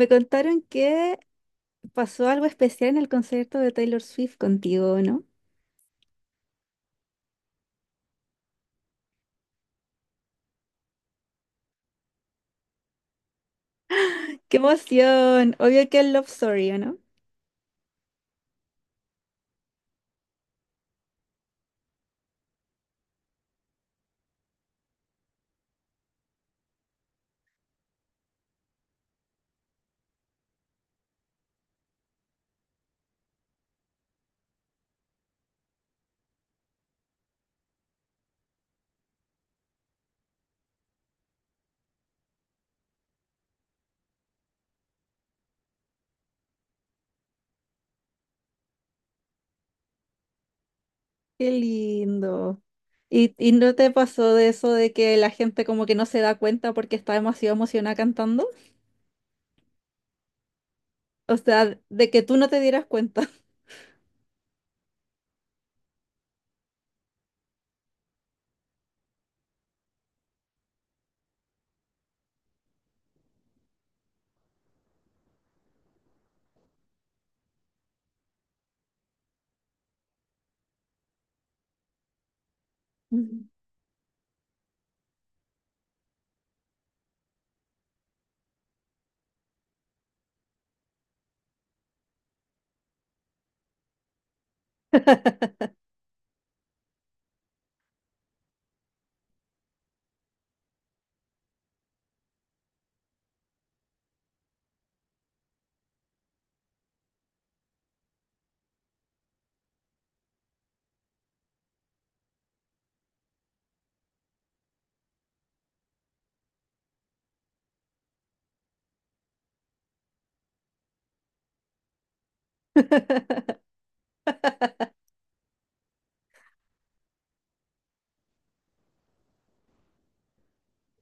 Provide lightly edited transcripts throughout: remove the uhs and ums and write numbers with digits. Me contaron que pasó algo especial en el concierto de Taylor Swift contigo, ¿no? ¡Qué emoción! Obvio que es Love Story, ¿o no? ¡Qué lindo! ¿Y no te pasó de eso de que la gente como que no se da cuenta porque está demasiado emocionada cantando? O sea, de que tú no te dieras cuenta. Ujú.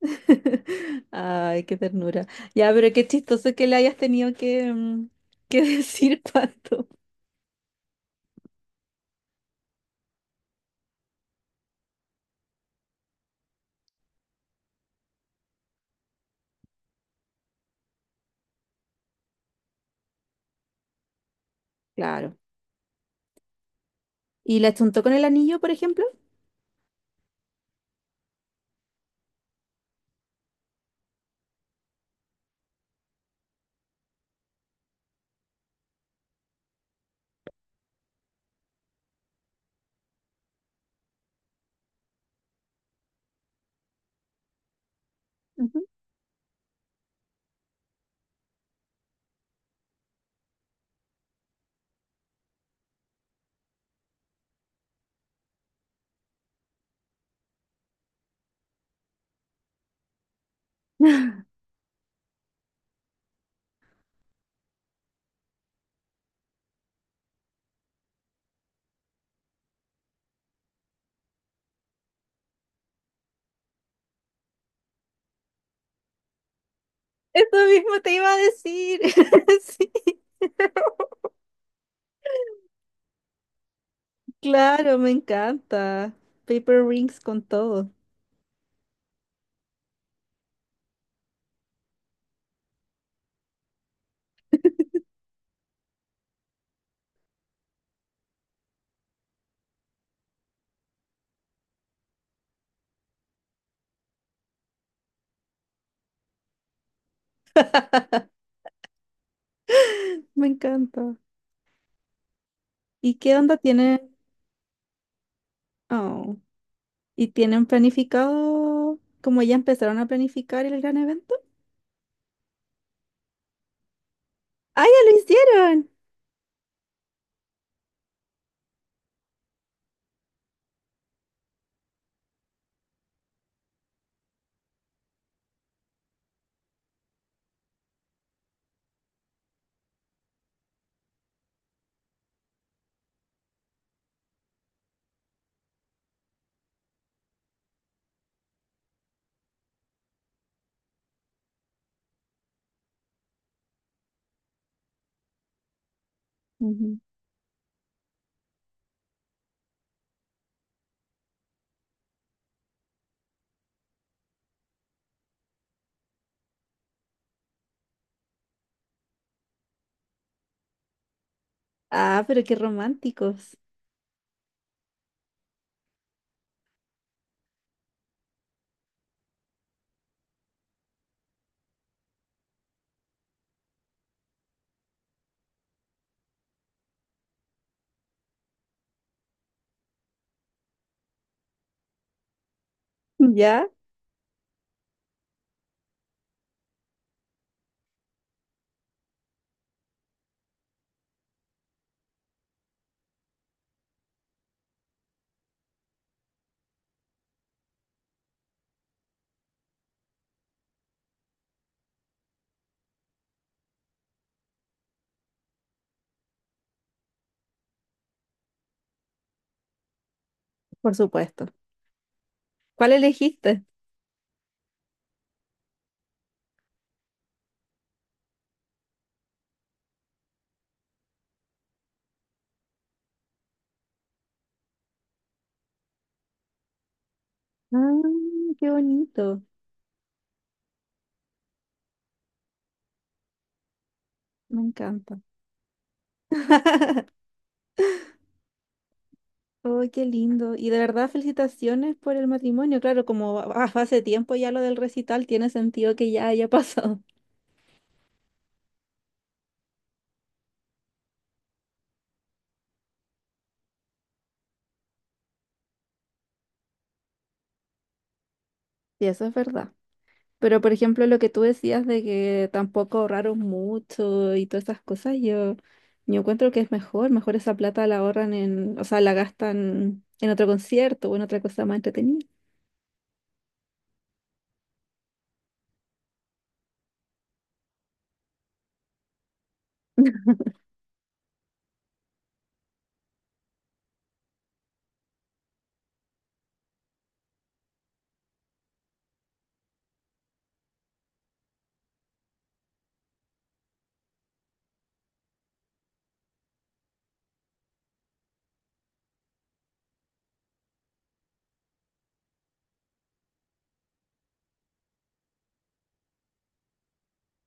Ay, qué ternura. Ya, pero qué chistoso que le hayas tenido que decir tanto. Claro. ¿Y la chuntó con el anillo, por ejemplo? Eso mismo te iba a decir. Sí, claro, me encanta. Paper rings con todo. Me encanta. ¿Y qué onda tienen? Oh, ¿y tienen planificado, como ya empezaron a planificar el gran evento? ¡Ah, ya lo hicieron! Ujú. Ah, pero qué románticos. ¿Ya? Por supuesto. ¿Cuál elegiste? Ah, qué bonito. Me encanta. Oh, qué lindo. Y de verdad, felicitaciones por el matrimonio. Claro, como va- va- hace tiempo ya lo del recital, tiene sentido que ya haya pasado. Sí, eso es verdad. Pero, por ejemplo, lo que tú decías de que tampoco ahorraron mucho y todas esas cosas, yo encuentro que es mejor. Mejor esa plata la ahorran en, o sea, la gastan en otro concierto o en otra cosa más entretenida.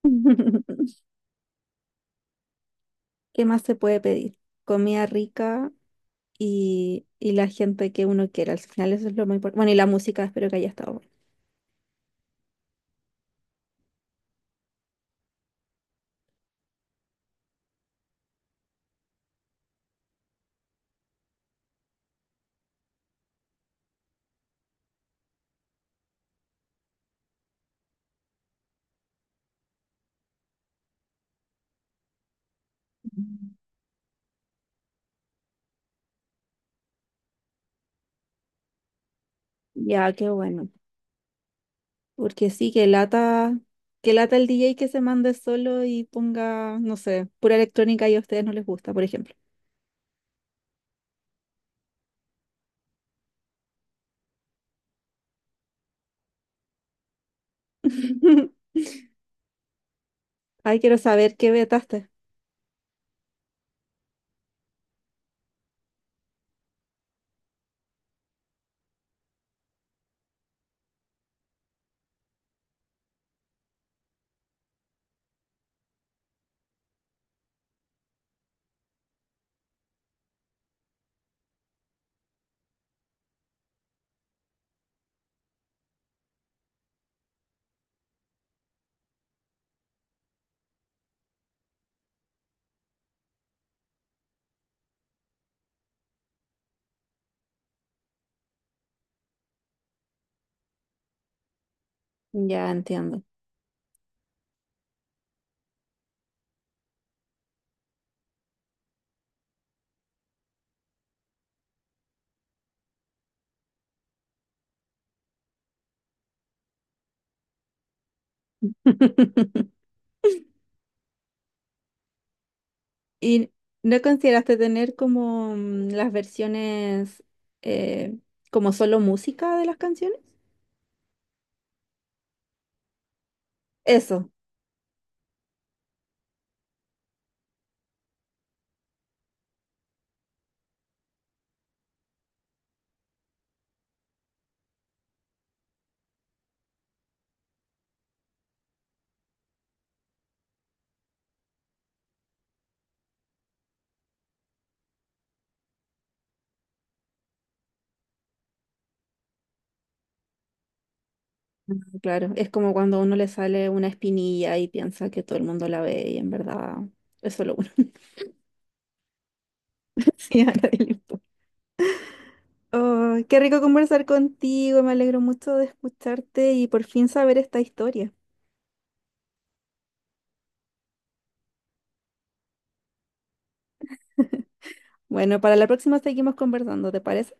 ¿Qué más se puede pedir? Comida rica y la gente que uno quiera. Al final eso es lo más importante. Bueno, y la música, espero que haya estado. Ya, qué bueno. Porque sí, que lata el DJ que se mande solo y ponga, no sé, pura electrónica y a ustedes no les gusta, por ejemplo. Ay, quiero saber qué vetaste. Ya entiendo. ¿Y no consideraste tener como las versiones eh, como solo música de las canciones? Eso. Ah, claro. Es como cuando a uno le sale una espinilla y piensa que todo el mundo la ve y en verdad es solo uno. Sí, a nadie le importa. Oh, qué rico conversar contigo, me alegro mucho de escucharte y por fin saber esta historia. Bueno, para la próxima seguimos conversando, ¿te parece?